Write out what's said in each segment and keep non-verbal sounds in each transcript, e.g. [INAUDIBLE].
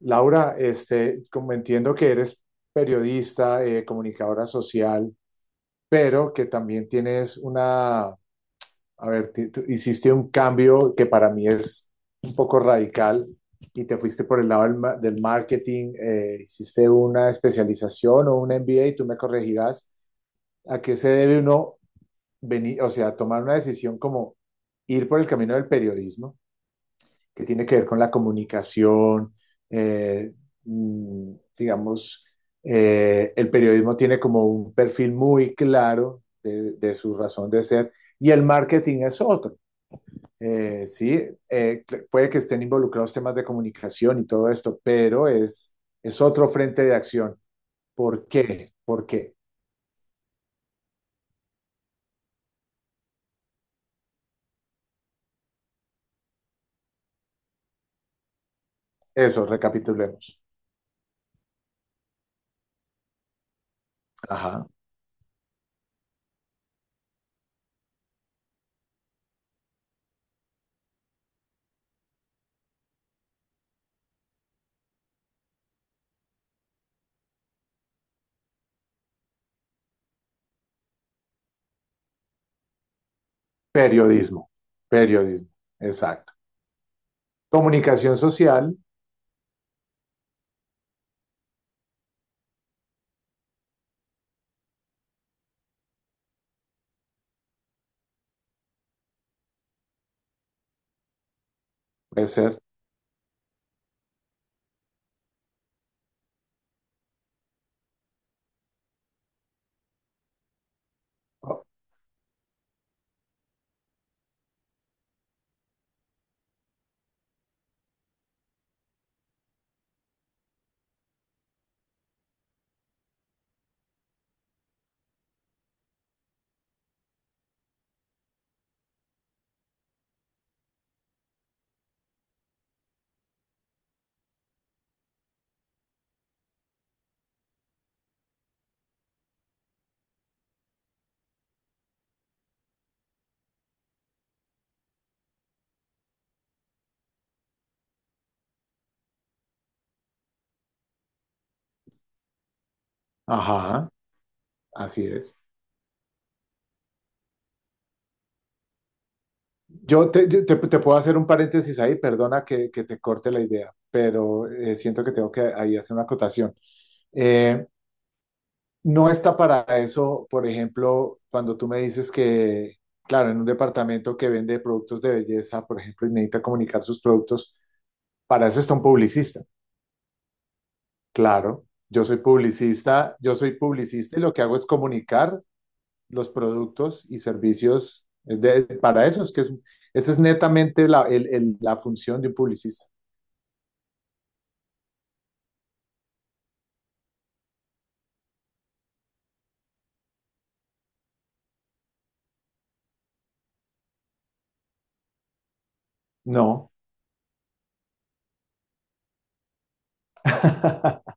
Laura, como entiendo que eres periodista, comunicadora social, pero que también tienes una, a ver, tú hiciste un cambio que para mí es un poco radical y te fuiste por el lado del, del marketing, hiciste una especialización o un MBA y tú me corregirás. ¿A qué se debe uno venir, o sea, tomar una decisión como ir por el camino del periodismo, que tiene que ver con la comunicación? eh, digamos, el periodismo tiene como un perfil muy claro de, su razón de ser, y el marketing es otro. Sí, eh, puede que estén involucrados temas de comunicación y todo esto, pero es otro frente de acción. ¿Por qué? ¿Por qué? Eso, recapitulemos. Ajá. Periodismo, periodismo, exacto. Comunicación social, puede ser. Ajá. Así es. Te puedo hacer un paréntesis ahí, perdona que te corte la idea, pero siento que tengo que ahí hacer una acotación. Eh, no está para eso, por ejemplo, cuando tú me dices que, claro, en un departamento que vende productos de belleza, por ejemplo, y necesita comunicar sus productos, para eso está un publicista. Claro, yo soy publicista y lo que hago es comunicar los productos y servicios para eso. Esa es netamente la, la función de un publicista. No. [LAUGHS]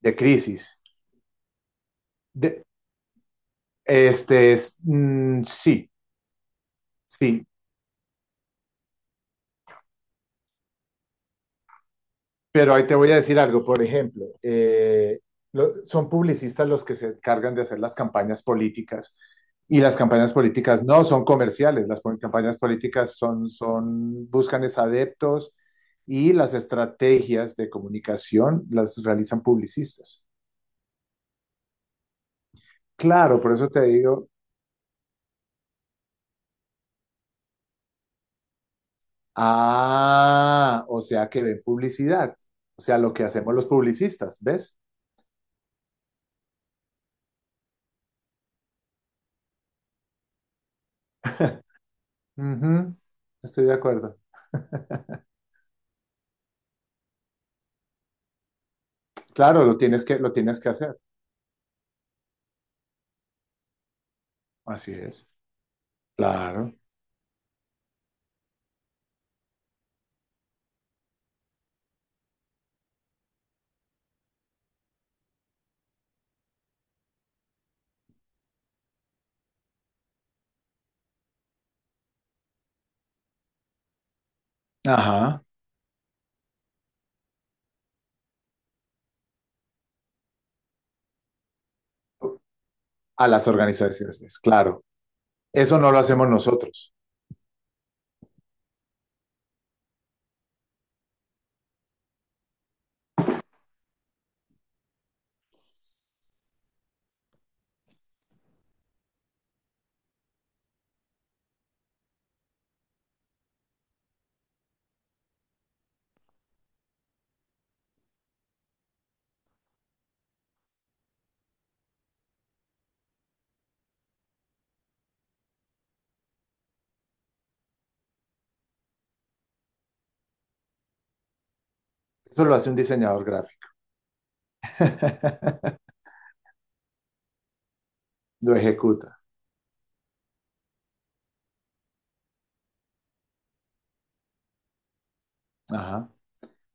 De crisis. De, este, es, mm, sí, sí. Pero ahí te voy a decir algo, por ejemplo, son publicistas los que se encargan de hacer las campañas políticas, y las campañas políticas no son comerciales, las campañas políticas son, son, buscan es adeptos, y las estrategias de comunicación las realizan publicistas. Claro, por eso te digo, ah, o sea que ven publicidad, o sea, lo que hacemos los publicistas, ¿ves? Ujú, estoy de acuerdo. Claro, lo tienes que hacer. Así es. Claro. Ajá. A las organizaciones, claro. Eso no lo hacemos nosotros. Eso lo hace un diseñador gráfico. [LAUGHS] Lo ejecuta. Ajá.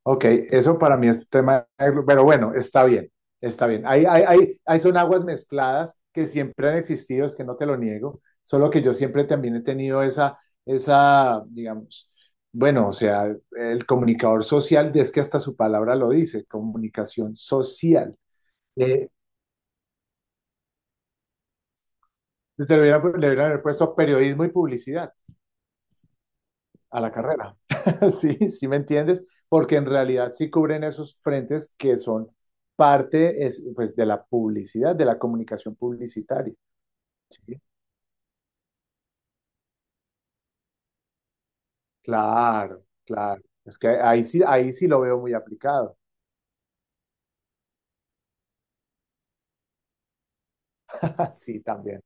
Ok, eso para mí es tema, de- pero bueno, está bien, está bien. Hay son aguas mezcladas que siempre han existido, es que no te lo niego, solo que yo siempre también he tenido esa, esa, digamos, bueno, o sea, el comunicador social, es que hasta su palabra lo dice, comunicación social. Eh, Te hubieran- le hubieran haber puesto periodismo y publicidad a la carrera. [LAUGHS] Sí, sí me entiendes, porque en realidad sí cubren esos frentes que son parte es, pues, de la publicidad, de la comunicación publicitaria. Sí, claro, claro. Es que ahí sí lo veo muy aplicado. [LAUGHS] Sí, también.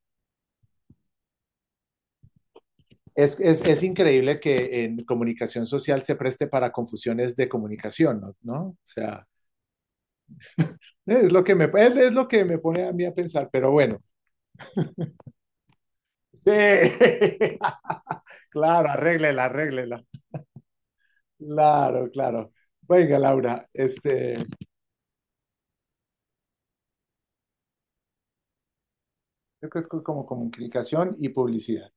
Es increíble que en comunicación social se preste para confusiones de comunicación, ¿no? ¿No? O sea, es lo que me pone a mí a pensar, pero bueno. Sí, [LAUGHS] claro, arréglela, arréglela. Claro, claro. Venga, Laura, este, yo creo que es como comunicación y publicidad.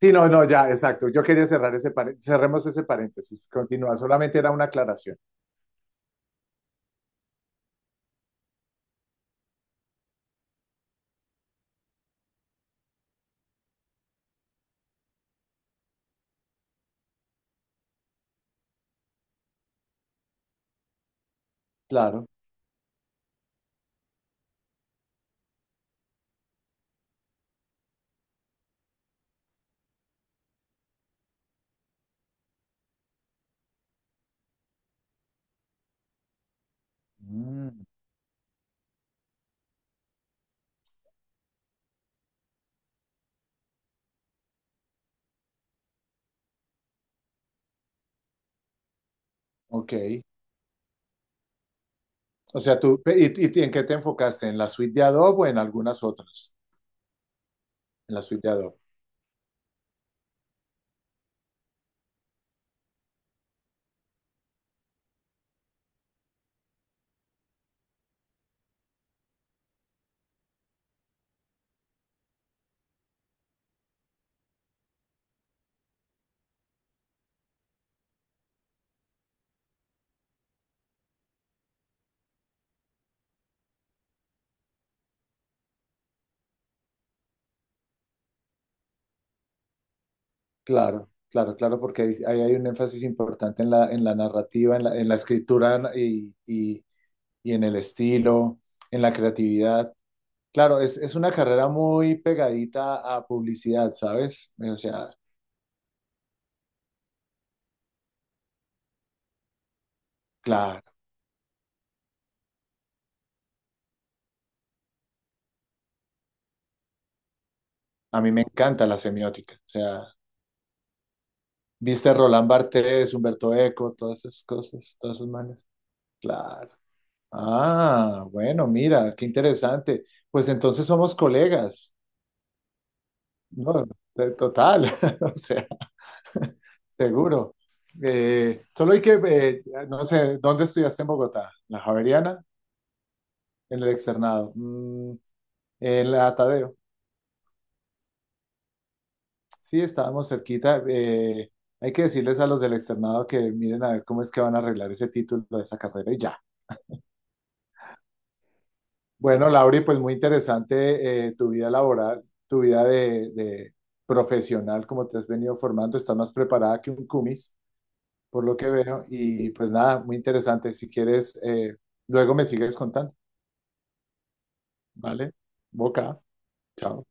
Sí, no, no, ya, exacto. Yo quería cerrar ese paréntesis, cerremos ese paréntesis. Continúa, solamente era una aclaración. Claro. Mm, ok. O sea, tú, y en qué te enfocaste? ¿En la suite de Adobe o en algunas otras? En la suite de Adobe. Claro, claro, claro, porque ahí ahí hay un énfasis importante en la narrativa, en la escritura y en el estilo, en la creatividad. Claro, es una carrera muy pegadita a publicidad, ¿sabes? O sea, claro, a mí me encanta la semiótica. O sea, viste Roland Barthes, Humberto Eco, todas esas cosas, todos esos manes. Claro. Ah, bueno, mira, qué interesante. Pues entonces somos colegas. No, de- total, [LAUGHS] o sea, seguro. Solo hay que, no sé, ¿dónde estudiaste en Bogotá? ¿La Javeriana? En el externado. Mm, el atadeo. Sí, estábamos cerquita. Hay que decirles a los del externado que miren a ver cómo es que van a arreglar ese título de esa carrera y ya. Bueno, Lauri, pues muy interesante tu vida laboral, tu vida de profesional, como te has venido formando. Estás más preparada que un cumis, por lo que veo. Y pues nada, muy interesante. Si quieres, luego me sigues contando. ¿Vale? Boca. Chao.